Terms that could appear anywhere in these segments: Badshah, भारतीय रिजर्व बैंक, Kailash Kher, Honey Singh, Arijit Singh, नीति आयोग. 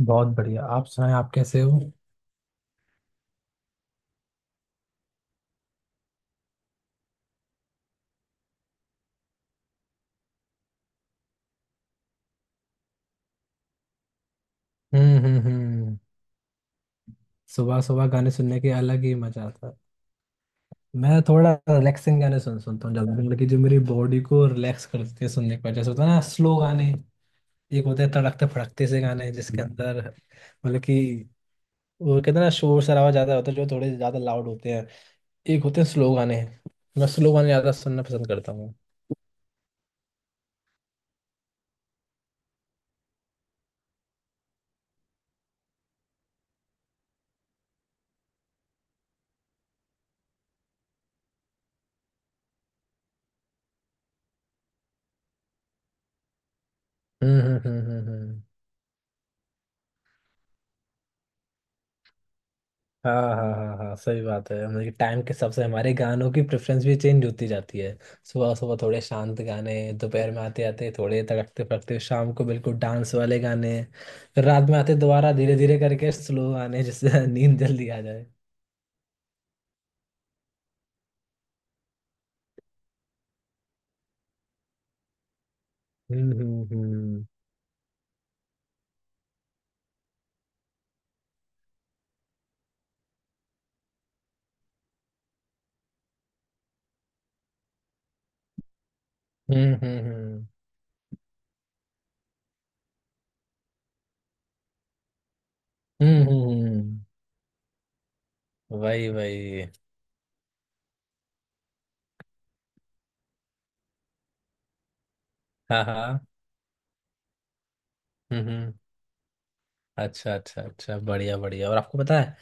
बहुत बढ़िया। आप सुनाएं, आप कैसे हो। हम्म, हम्म, हम्म। सुबह सुबह गाने सुनने के अलग ही मजा आता है। मैं थोड़ा रिलैक्सिंग गाने सुनता हूँ ज्यादा, मतलब कि जो मेरी बॉडी को रिलैक्स कर देते हैं सुनने के बाद, जैसे होता है ना, स्लो गाने। एक होते हैं तड़कते फड़कते से गाने जिसके अंदर मतलब कि वो कहते हैं ना, शोर शराबा ज्यादा होता है, जो थोड़े ज्यादा लाउड होते हैं। एक होते हैं स्लो गाने। मैं स्लो गाने ज्यादा सुनना पसंद करता हूँ। हम्म, हम्म, हम्म, हम्म, हाँ, हाँ, हाँ, हाँ, सही बात है। मतलब टाइम के हिसाब से हमारे गानों की प्रेफरेंस भी चेंज होती जाती है। सुबह सुबह थोड़े शांत गाने, दोपहर में आते आते थोड़े तड़कते फड़कते, शाम को बिल्कुल डांस वाले गाने, फिर रात में आते दोबारा धीरे धीरे करके स्लो गाने जिससे नींद जल्दी आ जाए। हम्म, हम्म, हम्म, हम्म, हम्म, हम्म, हम्म, हम्म। वही वही। हाँ, हाँ। हम्म, हम्म। अच्छा अच्छा अच्छा, बढ़िया बढ़िया। और आपको पता है,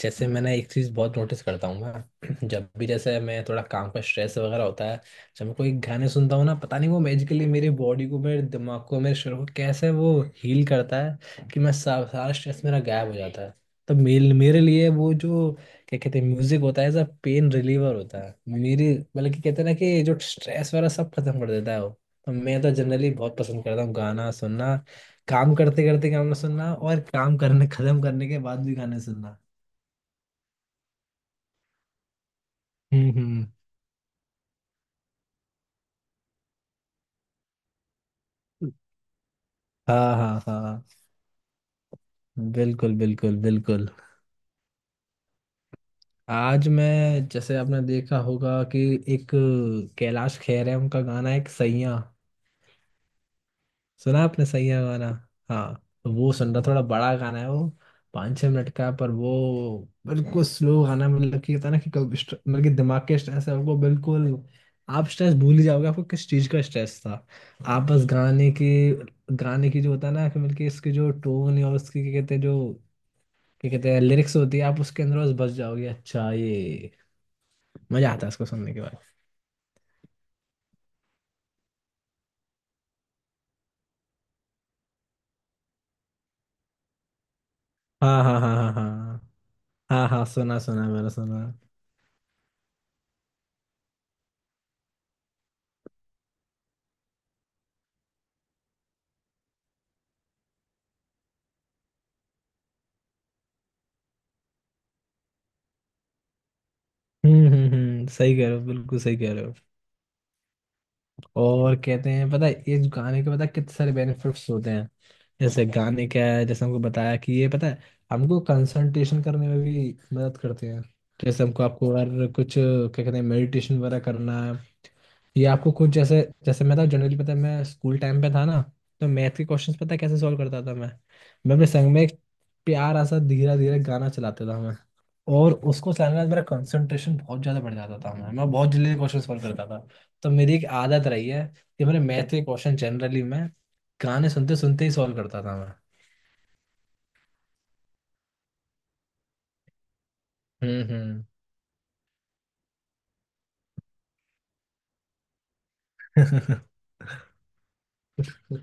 जैसे मैंने एक चीज़ बहुत नोटिस करता हूँ मैं, जब भी जैसे मैं थोड़ा काम का स्ट्रेस वगैरह होता है, जब मैं कोई गाने सुनता हूँ ना, पता नहीं वो मैजिकली मेरे बॉडी को, मेरे दिमाग को, मेरे शरीर को कैसे वो हील करता है कि मैं सारा स्ट्रेस मेरा गायब हो जाता है। तो मेरे मेरे लिए वो जो, क्या कहते हैं, म्यूजिक होता है एज अ पेन रिलीवर, होता है मेरी, मतलब कि कहते हैं ना कि जो स्ट्रेस वगैरह सब खत्म कर देता है वो। तो मैं तो जनरली बहुत पसंद करता हूँ गाना सुनना, काम करते करते गाना सुनना, और काम करने खत्म करने के बाद भी गाने सुनना। हम्म, हाँ, हाँ, हाँ। बिल्कुल, बिल्कुल, बिल्कुल। आज मैं, जैसे आपने देखा होगा कि, एक कैलाश खेर है, उनका गाना है एक सैया। सुना आपने सैया गाना? हाँ। तो वो सुन रहा, थोड़ा बड़ा गाना है वो, 5-6 मिनट का है, पर वो बिल्कुल स्लो गाना, मतलब कि होता है ना कि कब मतलब कि दिमाग के स्ट्रेस है वो, बिल्कुल आप स्ट्रेस भूल ही जाओगे, आपको किस चीज़ का स्ट्रेस था। आप बस गाने के, गाने की जो होता है ना कि, मतलब कि इसकी जो टोन और उसकी क्या कहते हैं जो, क्या कहते हैं, लिरिक्स होती है, आप उसके अंदर बस बस जाओगे। अच्छा ये मजा आता है इसको सुनने के बाद। हाँ, हाँ, हाँ, हाँ, हाँ। हाँ, हाँ, सुना सुना, मैंने सुना। हम्म, हम्म, हम्म। सही कह रहे हो, बिल्कुल सही कह रहे हो। और कहते हैं, पता है इस गाने के, पता है कितने सारे बेनिफिट्स होते हैं। जैसे गाने क्या है, जैसे हमको बताया कि ये पता है, हमको कंसंट्रेशन करने में भी मदद करते हैं। जैसे हमको आपको अगर कुछ, क्या कहते हैं, मेडिटेशन वगैरह करना है, ये आपको कुछ, जैसे जैसे मैं था, जनरली पता है मैं स्कूल टाइम पे था ना, तो मैथ के क्वेश्चंस पता है कैसे सॉल्व करता था मैं अपने संग में एक प्यारा सा धीरे धीरे गाना चलाता था, और उसको चलाने के बाद मेरा कंसंट्रेशन बहुत ज़्यादा बढ़ जाता था, मैं बहुत जल्दी क्वेश्चन सॉल्व करता था। तो मेरी एक आदत रही है कि मैंने मैथ के क्वेश्चन जनरली मैं गाने सुनते सुनते ही सॉल्व करता था मैं। हम्म, हम्म।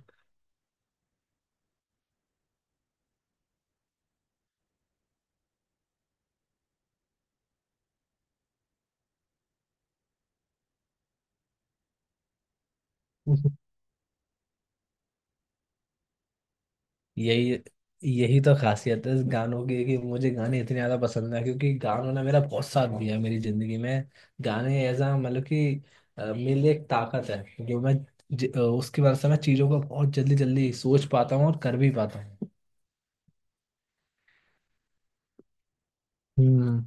यही यही तो खासियत है इस गानों की कि मुझे गाने इतने ज़्यादा पसंद है, क्योंकि गानों ने मेरा बहुत साथ दिया है मेरी ज़िंदगी में। गाने एज अ, मतलब कि मेरे लिए एक ताकत है, जो मैं, उसकी वजह से मैं चीज़ों को बहुत जल्दी जल्दी सोच पाता हूँ और कर भी पाता हूँ। हम्म।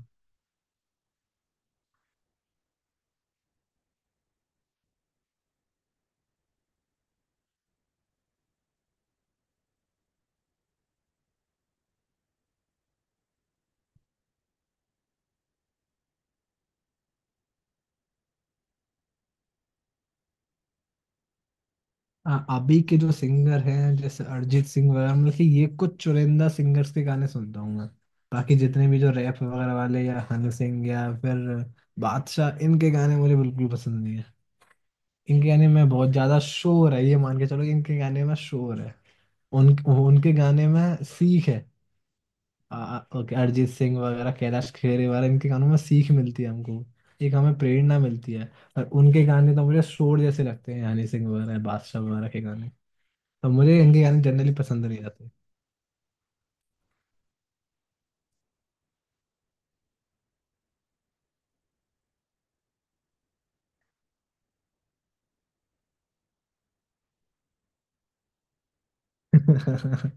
हाँ, अभी के जो सिंगर हैं जैसे अरिजीत सिंह वगैरह, मतलब कि ये कुछ चुनिंदा सिंगर्स के गाने सुनता हूँ मैं। बाकी जितने भी जो रैप वगैरह वाले, या हनी सिंह, या फिर बादशाह, इनके गाने मुझे बिल्कुल पसंद नहीं है। इनके गाने में बहुत ज्यादा शोर है, ये मान के चलो कि इनके गाने में शोर है। उन उनके गाने में सीख है। ओके, अरिजीत सिंह वगैरह, कैलाश खेर वगैरह, इनके गानों में सीख मिलती है हमको, एक हमें प्रेरणा मिलती है। पर उनके गाने तो मुझे शोर जैसे लगते हैं, हनी सिंह वगैरह बादशाह वगैरह के गाने, तो मुझे इनके गाने जनरली पसंद नहीं आते।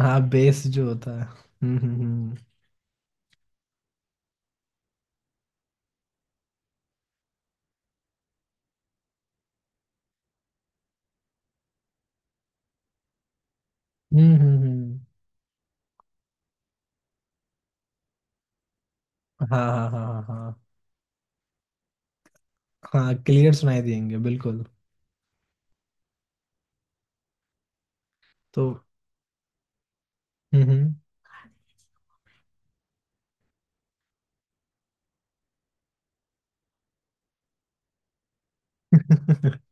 हाँ, बेस जो होता है। हम्म, हम्म, हम्म, हम्म, हाँ, हाँ, हाँ, हाँ, हाँ। हाँ, क्लियर सुनाई देंगे बिल्कुल। तो। हम्म, हम्म।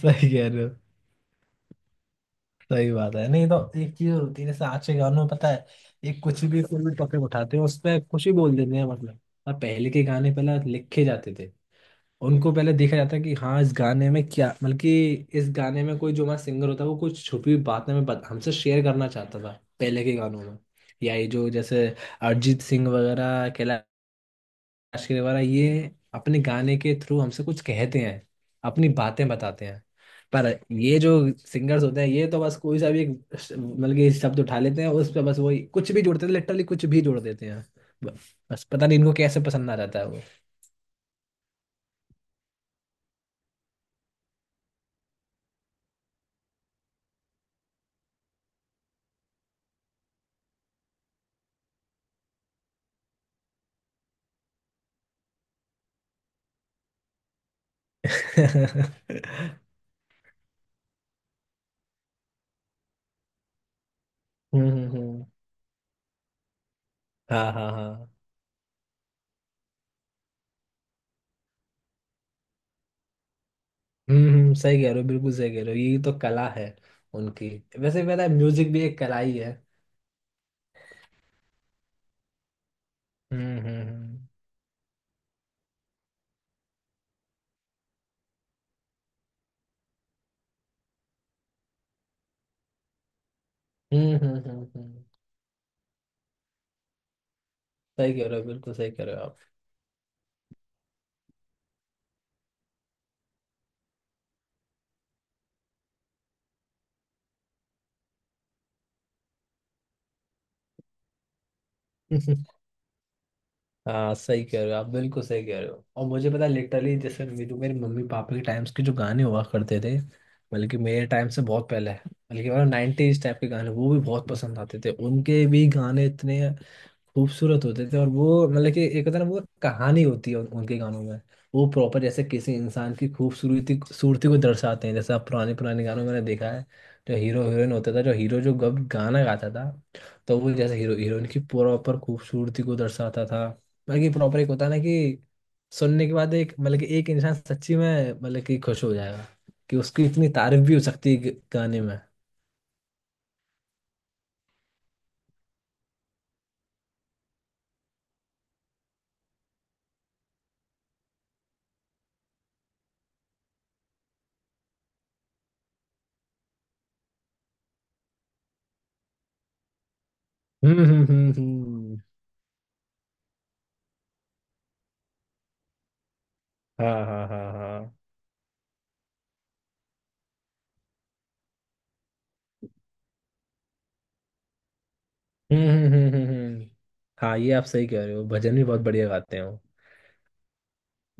सही कह रहे हो। सही बात है, नहीं तो एक चीज होती है, जैसे आज के गानों में पता है, एक कुछ भी कोई भी टॉपिक उठाते हैं उस पर कुछ भी बोल देते हैं, मतलब। और पहले के गाने पहले लिखे जाते थे, उनको पहले देखा जाता है कि, हाँ इस गाने में क्या, मतलब कि इस गाने में कोई, जो हमारा सिंगर होता है वो कुछ छुपी हुई बातें हमें हमसे शेयर करना चाहता था पहले के गानों में। या ये जो जैसे अरिजीत सिंह वगैरह, कैलाश खेर वगैरह, ये अपने गाने के थ्रू हमसे कुछ कहते हैं, अपनी बातें बताते हैं। पर ये जो सिंगर्स होते हैं, ये तो बस कोई सा भी एक मतलब कि शब्द उठा लेते हैं, उस पे बस वही कुछ भी जोड़ते हैं, लिटरली कुछ भी जोड़ देते हैं। ब- बस पता नहीं इनको कैसे पसंद आ जाता है वो। हम्म, हम्म, हम्म। हाँ, हाँ, हाँ। हम्म, सही कह रहे हो, बिल्कुल सही कह रहे हो। यही तो कला है उनकी। वैसे मेरा म्यूजिक भी एक कला ही है। हम्म, हम्म, हम्म, हम्म, हम्म, हम्म। सही कह रहे हो, बिल्कुल सही कह रहे हो आप। हाँ, सही कह रहे हो आप, बिल्कुल सही कह रहे हो। और मुझे पता, लिटरली जैसे मेरे मेरे मम्मी पापा के टाइम्स के जो गाने हुआ करते थे, बल्कि मेरे टाइम से बहुत पहले, बल्कि मतलब 90s टाइप के गाने, वो भी बहुत पसंद आते थे, उनके भी गाने इतने खूबसूरत होते थे। और वो मतलब कि एक होता है ना, वो कहानी होती है उनके गानों में। वो प्रॉपर जैसे किसी इंसान की खूबसूरती सूरती को दर्शाते हैं। जैसे आप पुराने पुराने गानों में मैंने देखा है, जो हीरो हीरोइन होता था, जो हीरो जो गब गाना गाता था, तो वो जैसे हीरो हीरोइन की प्रॉपर खूबसूरती को दर्शाता था। मतलब कि प्रॉपर, एक होता है ना कि सुनने के बाद एक, मतलब कि एक इंसान सच्ची में मतलब कि खुश हो जाएगा कि उसकी इतनी तारीफ भी हो सकती है गाने में। हम्म, हम्म, हम्म, हाँ, हाँ, हाँ, हाँ। हम्म, हम्म, हम्म, हाँ, ये आप सही कह रहे हो, भजन भी बहुत बढ़िया गाते हो।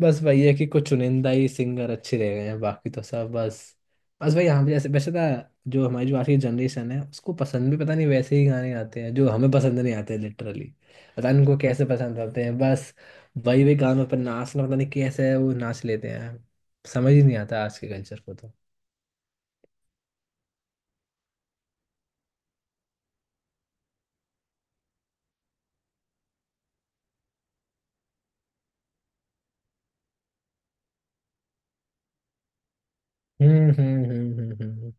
बस वही है कि कुछ चुनिंदा ही सिंगर अच्छे रह गए हैं, बाकी तो सब बस। बस भाई, हम जैसे वैसे ना, जो हमारी जो आज की जनरेशन है उसको पसंद भी पता नहीं, वैसे ही गाने आते हैं जो हमें पसंद नहीं आते लिटरली। पता नहीं उनको कैसे पसंद आते हैं। बस वही वही गानों पर नाचना, पता नहीं कैसे है वो नाच लेते हैं। समझ ही नहीं आता आज के कल्चर को तो। हम्म, हम्म, हम्म, हम्म, हम्म, हम्म,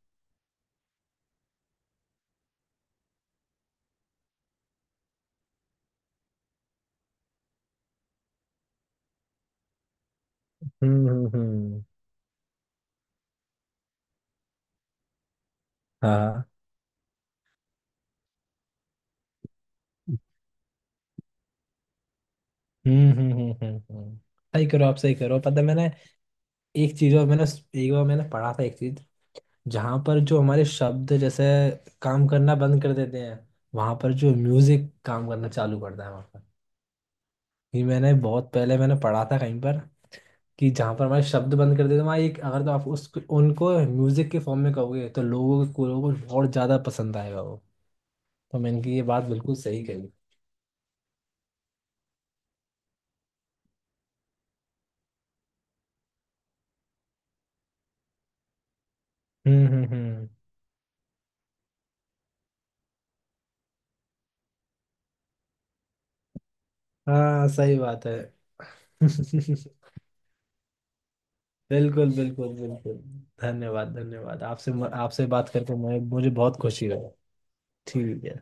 हम्म, हाँ। हम्म, हम्म, हम्म, हम्म, सही करो आप, सही करो। पता है, मैंने एक चीज, और मैंने एक बार मैंने पढ़ा था एक चीज, जहां पर जो हमारे शब्द जैसे काम करना बंद कर देते हैं, वहां पर जो म्यूजिक काम करना चालू करता है वहां पर। ये मैंने बहुत पहले मैंने पढ़ा था कहीं पर, कि जहां पर हमारे शब्द बंद कर देते हैं, वहाँ एक, अगर तो आप उस उनको म्यूजिक के फॉर्म में कहोगे, तो लोगों को बहुत ज्यादा पसंद आएगा वो। तो मैंने की, ये बात बिल्कुल सही कही। हम्म, हम्म, हम्म। हाँ, सही बात है। बिल्कुल, बिल्कुल, बिल्कुल। धन्यवाद, धन्यवाद आपसे। आपसे बात करके मैं, मुझे बहुत खुशी हुई। ठीक है।